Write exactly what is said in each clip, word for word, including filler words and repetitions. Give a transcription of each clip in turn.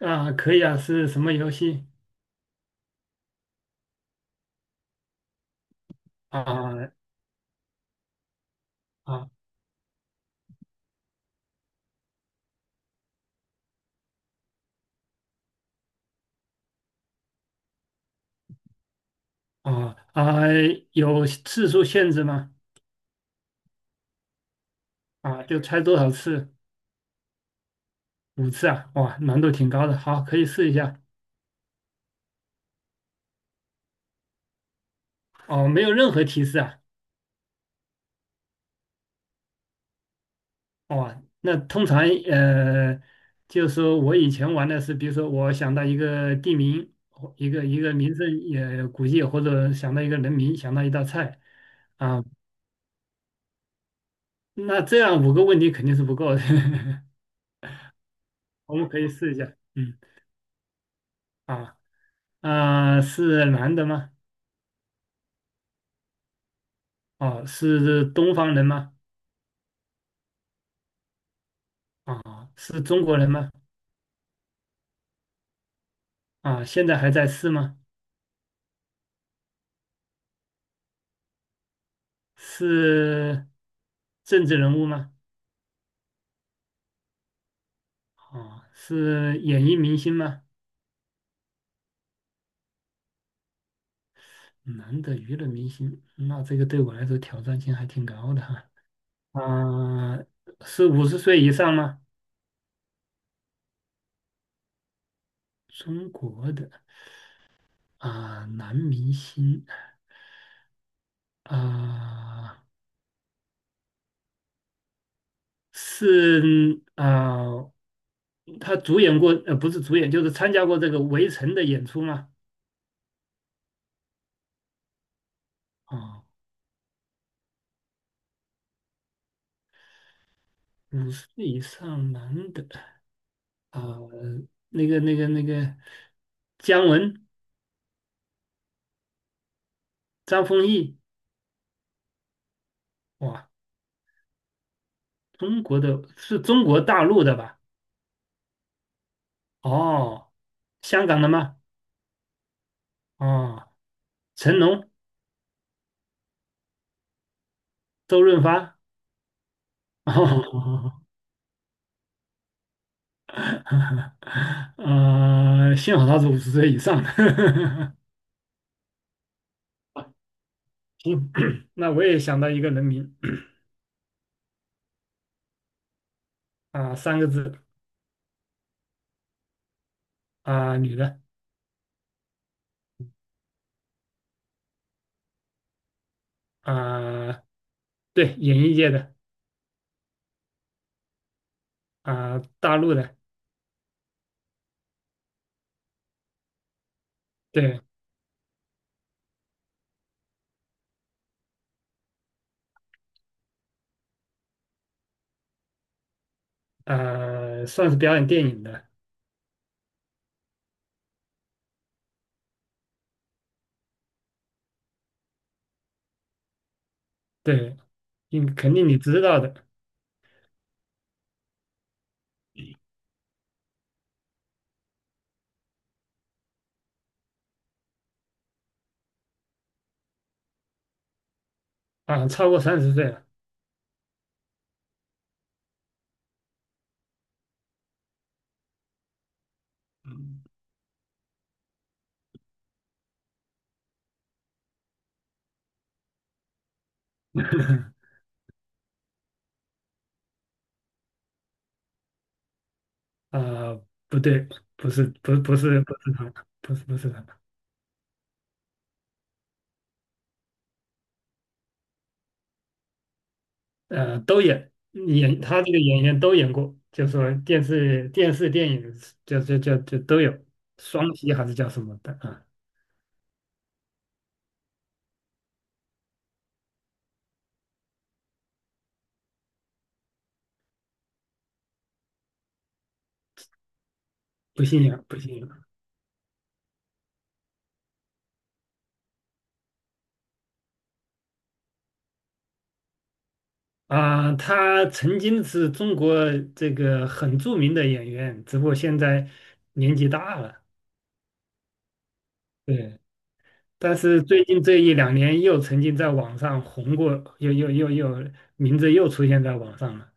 啊，可以啊，是什么游戏？啊啊啊啊！有次数限制吗？啊，就猜多少次？五次啊？哇，难度挺高的。好，可以试一下。哦，没有任何提示啊。哇，那通常呃，就是说我以前玩的是，比如说我想到一个地名，或一个一个名胜也古迹，或者想到一个人名，想到一道菜啊。那这样五个问题肯定是不够的，我们可以试一下。嗯。啊。啊、是男的吗？哦，是东方人吗？啊、是中国人吗？啊、现在还在世吗？是政治人物吗？啊、是演艺明星吗？男的娱乐明星，那这个对我来说挑战性还挺高的哈。啊、是五十岁以上吗？中国的啊、男明星啊、是啊、他主演过，呃，不是主演，就是参加过这个《围城》的演出吗？啊、五十以上男的啊、那个、那个、那个，姜文、张丰毅。哇，中国的是中国大陆的吧？哦，香港的吗？哦，成龙、周润发。哦，呃，幸好他是五十岁以上的。行，那我也想到一个人名。啊、三个字。啊、女的。啊、对，演艺界的。啊、大陆的，对。啊、算是表演电影的，对，应肯定你知道的。啊、超过三十岁了。嗯。啊、不对，不是，不，不是，不是他，不是，不是他。呃，都演演他这个演员都演过，就说电视、电视、电影，就就就就都有，双栖还是叫什么的啊？不信呀，不信呀。啊，他曾经是中国这个很著名的演员，只不过现在年纪大了。对，但是最近这一两年又曾经在网上红过，又又又又名字又出现在网上了。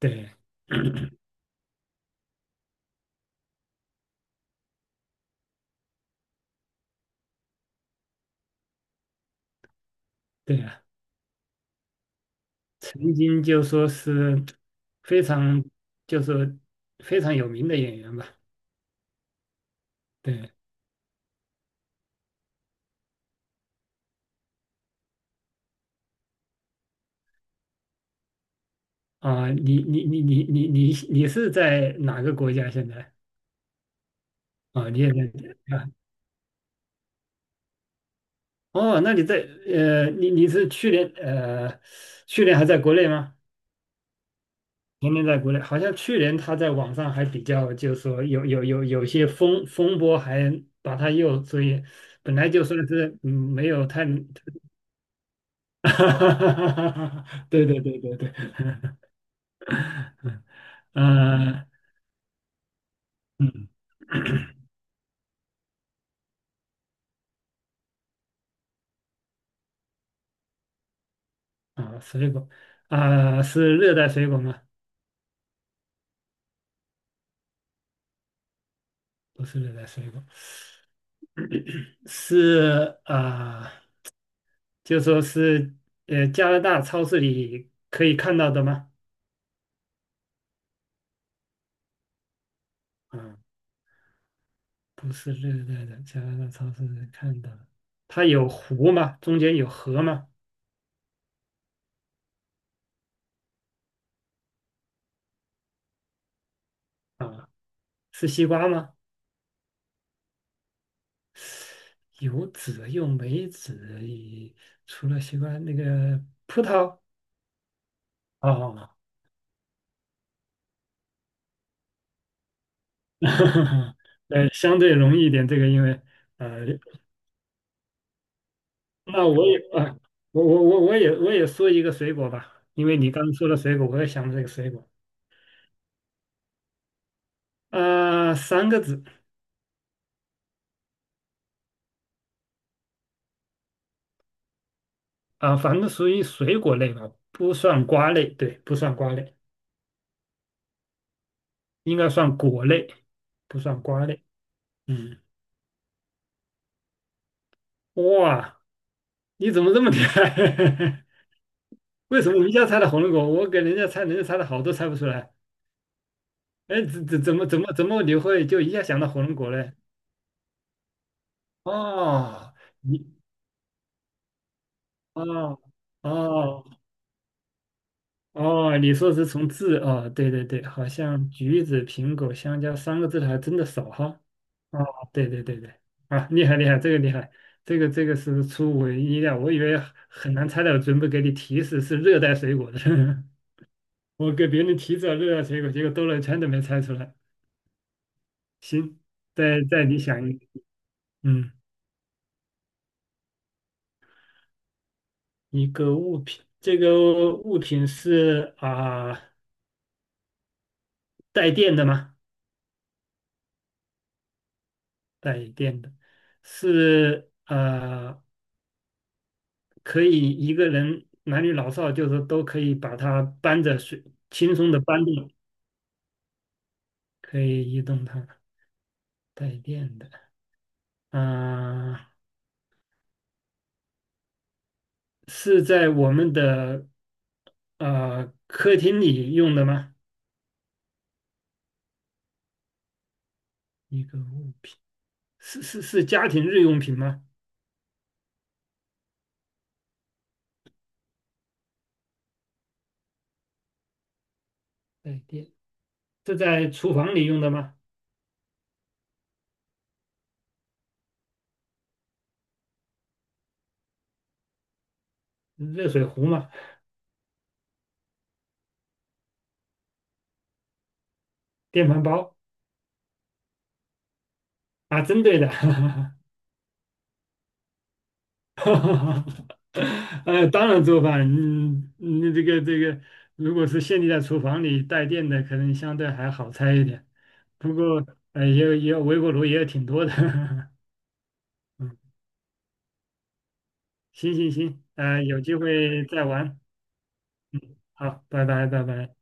对。对啊，曾经就说是非常，就是非常有名的演员吧。对啊，你你你你你你你是在哪个国家现在？啊，你也在？哦，那你在呃，你你是去年呃，去年还在国内吗？前年在国内，好像去年他在网上还比较，就是说有有有有些风风波，还把他又所以本来就算是嗯没有太。对对对对对。嗯嗯。啊，水果。啊，是热带水果吗？不是热带水果，是啊。就说是呃加拿大超市里可以看到的吗？啊，不是热带的，加拿大超市里看到的它有湖吗？中间有河吗？啊，是西瓜吗？有籽又没籽，也除了西瓜那个葡萄。哦。呃，相对容易一点，这个因为呃，那我也啊，我我我我也我也说一个水果吧，因为你刚刚说了水果，我也想了这个水果。啊、三个字。啊，反正属于水果类吧，不算瓜类，对，不算瓜类，应该算果类，不算瓜类。嗯。哇，你怎么这么厉害？为什么你一下猜到火龙果？我给人家猜，人家猜的好多猜不出来。哎，怎怎怎么怎么怎么你会就一下想到火龙果嘞？哦，你哦哦哦，你说是从字哦，对对对，好像橘子、苹果、香蕉三个字的还真的少哈。哦，对对对对。啊，厉害厉害，这个厉害，这个这个是出乎意料，我以为很难猜到，准备给你提示是热带水果的。我给别人提示了热带水果，结果兜了一圈都没猜出来。行，再再你想一个。嗯，一个物品，这个物品是啊、带电的吗？带电的，是呃可以一个人男女老少就是都可以把它搬着水，轻松的搬动。可以移动它，带电的。啊、是在我们的呃客厅里用的吗？一个物品，是是是家庭日用品吗？带电是在厨房里用的吗？热水壶吗？电饭煲啊，针对的。呃，当然做饭。嗯，你这个这个，如果是限定在厨房里带电的，可能相对还好猜一点，不过呃，也有也有微波炉也有挺多的。嗯，行行行，呃，有机会再玩。好，拜拜，拜拜。